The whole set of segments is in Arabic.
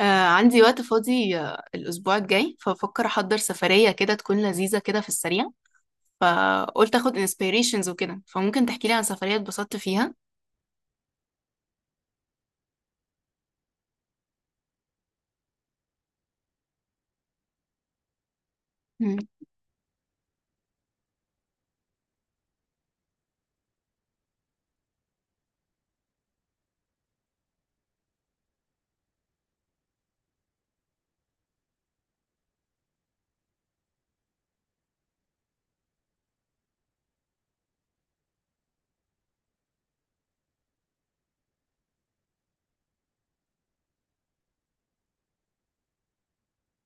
عندي وقت فاضي الأسبوع الجاي، ففكر أحضر سفرية كده تكون لذيذة كده في السريع. فقلت أخد inspirations وكده، فممكن تحكيلي عن سفرية اتبسطت فيها؟ مم.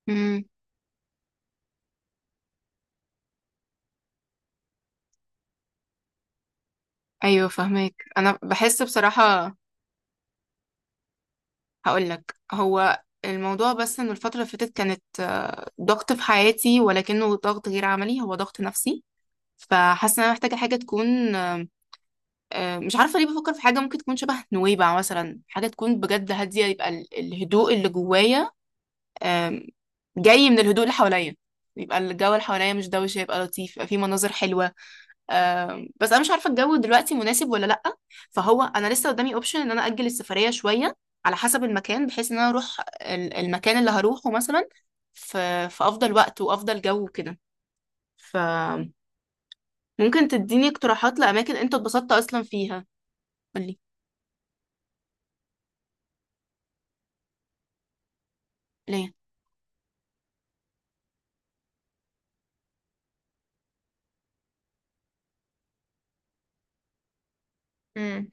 مم. أيوة فهمك. أنا بحس بصراحة، هقولك هو الموضوع بس إنه الفترة اللي فاتت كانت ضغط في حياتي، ولكنه ضغط غير عملي، هو ضغط نفسي. فحاسة إن أنا محتاجة حاجة تكون مش عارفة ليه بفكر في حاجة ممكن تكون شبه نويبع مثلا، حاجة تكون بجد هادية، يبقى الهدوء اللي جوايا آم، جاي من الهدوء اللي حواليا، يبقى الجو اللي حواليا مش دوشة، يبقى لطيف، يبقى فيه مناظر حلوة. بس أنا مش عارفة الجو دلوقتي مناسب ولا لأ. فهو أنا لسه قدامي أوبشن إن أنا أجل السفرية شوية، على حسب المكان، بحيث إن أنا أروح المكان اللي هروحه مثلا في في أفضل وقت وأفضل جو وكده. فممكن تديني اقتراحات لأماكن أنت اتبسطت أصلا فيها؟ قولي ليه. مم.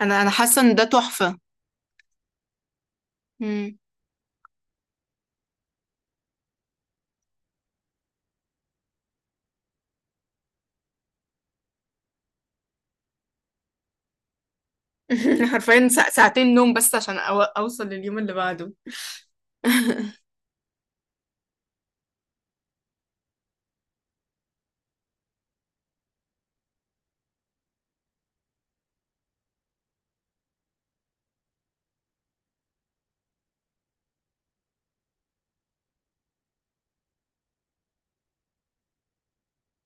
أنا حاسة إن ده تحفة. مم. حرفيا ساعتين نوم بس عشان أوصل لليوم اللي بعده.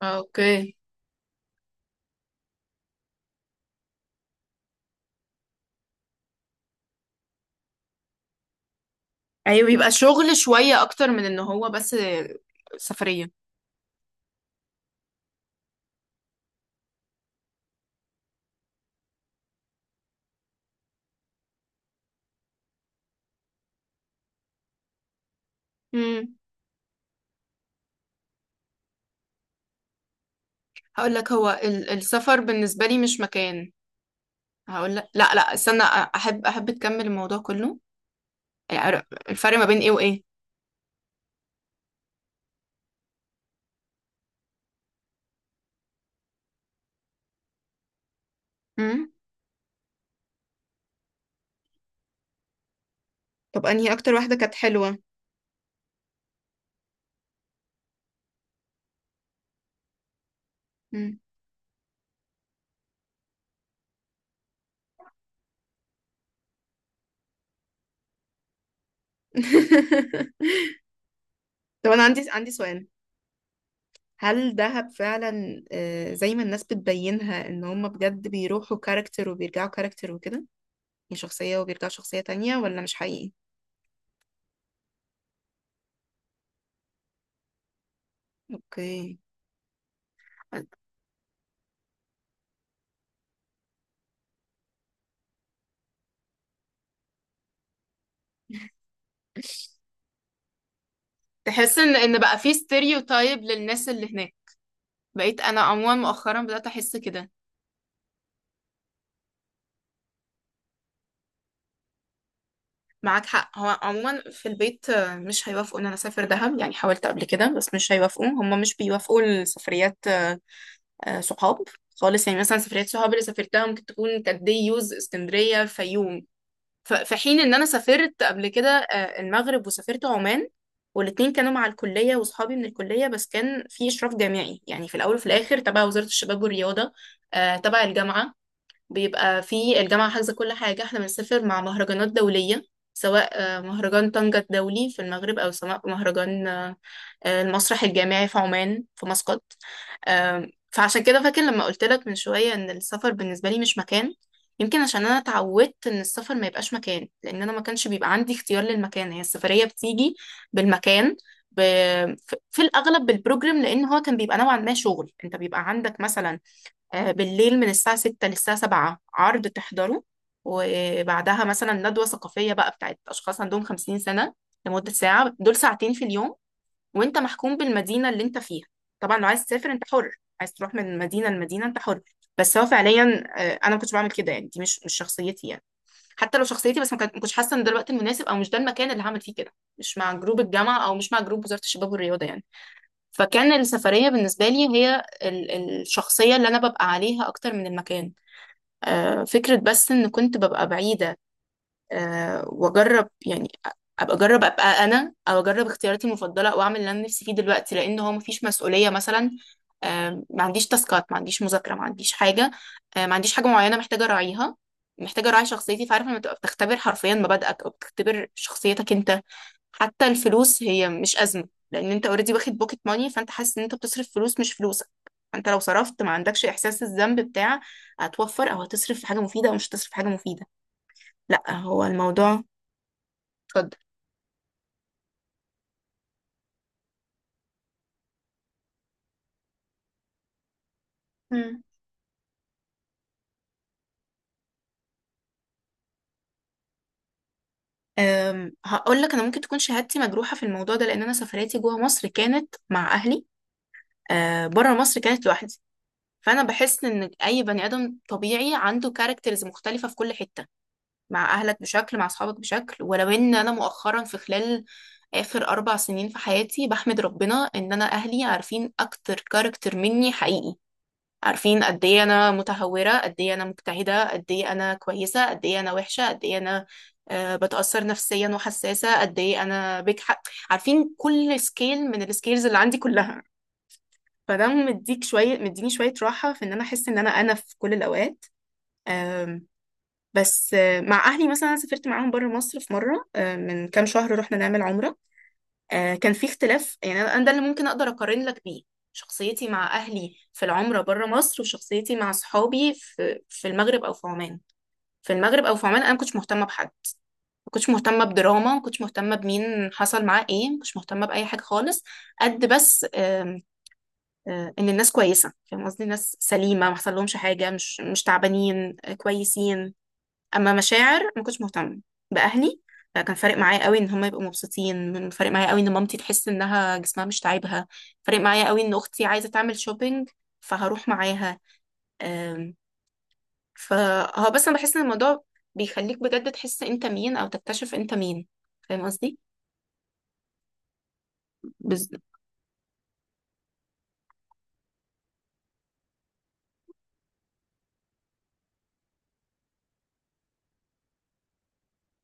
اوكي. ايوه بيبقى شغل شوية اكتر من ان هو بس سفرية. امم هقول لك، هو السفر بالنسبة لي مش مكان. هقول لك، لا لا استنى، احب تكمل الموضوع كله. الفرق ما بين ايه وايه؟ امم طب انهي اكتر واحدة كانت حلوة؟ امم طب انا عندي سؤال، هل دهب فعلا زي ما الناس بتبينها، ان هم بجد بيروحوا كاركتر وبيرجعوا كاركتر وكده، يعني شخصية وبيرجعوا شخصية تانية، ولا مش حقيقي؟ اوكي. تحس ان بقى في ستيريوتايب للناس اللي هناك. بقيت انا عموما مؤخرا بدأت احس كده. معاك حق. هو عموما في البيت مش هيوافقوا ان انا اسافر دهب، يعني حاولت قبل كده بس مش هيوافقوا، هم مش بيوافقوا لسفريات صحاب خالص. يعني مثلا سفريات صحاب اللي سافرتها ممكن تكون كانت دي يوز اسكندرية الفيوم، في حين ان انا سافرت قبل كده المغرب وسافرت عمان، والاتنين كانوا مع الكلية واصحابي من الكلية، بس كان في إشراف جامعي، يعني في الأول وفي الآخر تبع وزارة الشباب والرياضة، تبع الجامعة. بيبقى في الجامعة حاجزة كل حاجة، احنا بنسافر مع مهرجانات دولية، سواء مهرجان طنجة الدولي في المغرب، أو سواء مهرجان المسرح الجامعي في عمان في مسقط. فعشان كده فاكر لما قلت لك من شوية ان السفر بالنسبة لي مش مكان. يمكن عشان انا اتعودت ان السفر ما يبقاش مكان، لان انا ما كانش بيبقى عندي اختيار للمكان، هي السفرية بتيجي بالمكان، ب... في الاغلب بالبروجرام، لان هو كان بيبقى نوعا ما شغل. انت بيبقى عندك مثلا بالليل من الساعة 6 للساعة 7 عرض تحضره، وبعدها مثلا ندوة ثقافية بقى بتاعت اشخاص عندهم 50 سنة لمدة ساعة دول ساعتين في اليوم، وانت محكوم بالمدينة اللي انت فيها. طبعا لو عايز تسافر انت حر، عايز تروح من مدينة لمدينة انت حر، بس هو فعليا انا ما كنتش بعمل كده، يعني دي مش شخصيتي يعني. حتى لو شخصيتي، بس ما كنتش حاسة ان ده الوقت المناسب، او مش ده المكان اللي هعمل فيه كده، مش مع جروب الجامعة او مش مع جروب وزارة الشباب والرياضة يعني. فكان السفرية بالنسبة لي هي الشخصية اللي انا ببقى عليها اكتر من المكان. فكرة بس ان كنت ببقى بعيدة واجرب يعني، ابقى اجرب ابقى انا، او اجرب اختياراتي المفضله واعمل اللي انا نفسي فيه دلوقتي، لان هو مفيش مسؤوليه مثلا. ما عنديش تاسكات، ما عنديش مذاكره، ما عنديش حاجه، ما عنديش حاجه معينه محتاجه اراعيها، محتاجه اراعي شخصيتي. فعارفه لما تبقى بتختبر حرفيا مبادئك او بتختبر شخصيتك انت، حتى الفلوس هي مش ازمه، لان انت اوريدي واخد بوكيت ماني، فانت حاسس ان انت بتصرف فلوس مش فلوسك. فانت لو صرفت ما عندكش احساس الذنب بتاع هتوفر او هتصرف في حاجه مفيده او مش هتصرف في حاجه مفيده، لا هو الموضوع. اتفضل. مم. هقول لك، انا ممكن تكون شهادتي مجروحه في الموضوع ده، لان انا سفرياتي جوه مصر كانت مع اهلي، بره مصر كانت لوحدي. فانا بحس ان اي بني ادم طبيعي عنده كاركترز مختلفه في كل حته، مع اهلك بشكل، مع اصحابك بشكل، ولو ان انا مؤخرا في خلال اخر 4 سنين في حياتي بحمد ربنا ان انا اهلي عارفين اكتر كاركتر مني حقيقي. عارفين قد ايه انا متهوره، قد ايه انا مجتهده، قد ايه انا كويسه، قد ايه انا وحشه، قد ايه انا بتاثر نفسيا وحساسه، قد ايه انا بجحق، عارفين كل سكيل من السكيلز اللي عندي كلها. فده مديك شويه، مديني شويه راحه في ان انا احس ان انا في كل الاوقات. آم، بس مع اهلي مثلا أنا سافرت معاهم بره مصر في مره من كام شهر رحنا نعمل عمره. كان في اختلاف، يعني انا ده اللي ممكن اقدر اقارن لك بيه، شخصيتي مع اهلي في العمره بره مصر، وشخصيتي مع صحابي في المغرب او في عمان. في المغرب او في عمان انا ما كنتش مهتمه بحد، ما كنتش مهتمه بدراما، ما كنتش مهتمه بمين حصل معاه ايه، ما كنتش مهتمه باي حاجه خالص. قد بس ان الناس كويسه، فاهم قصدي، الناس سليمه، ما حصل لهمش حاجه، مش تعبانين كويسين. اما مشاعر ما كنتش مهتمه باهلي. كان فارق معايا قوي ان هم يبقوا مبسوطين، فارق معايا قوي ان مامتي تحس انها جسمها مش تعبها، فارق معايا قوي ان اختي عايزه تعمل شوبينج فهروح معاها. آم، فهو بس انا بحس ان الموضوع بيخليك بجد تحس انت مين او تكتشف انت مين، فاهم قصدي؟ بز...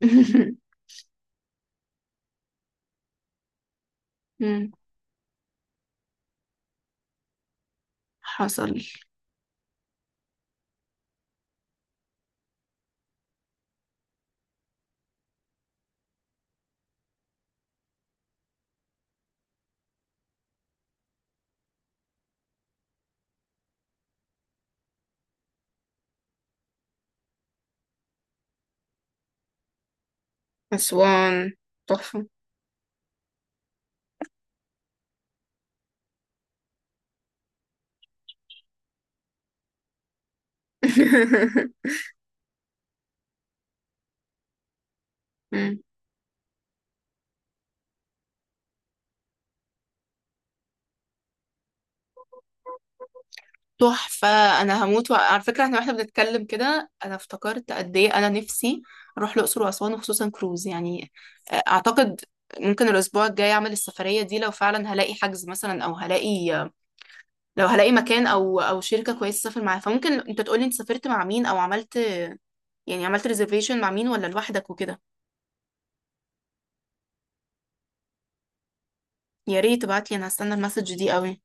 مم. حصل. اسوان تحفه. تحفة. أنا هموت، على فكرة احنا واحنا بنتكلم كده أنا افتكرت قد إيه أنا نفسي أروح الأقصر وأسوان وخصوصا كروز يعني. أعتقد ممكن الأسبوع الجاي أعمل السفرية دي، لو فعلا هلاقي حجز مثلا، أو هلاقي، لو هلاقي مكان أو شركة كويسة أسافر معاها. فممكن أنت تقولي أنت سافرت مع مين، أو عملت يعني عملت ريزرفيشن مع مين، ولا لوحدك وكده؟ يا ريت تبعتلي، أنا هستنى المسج دي أوي.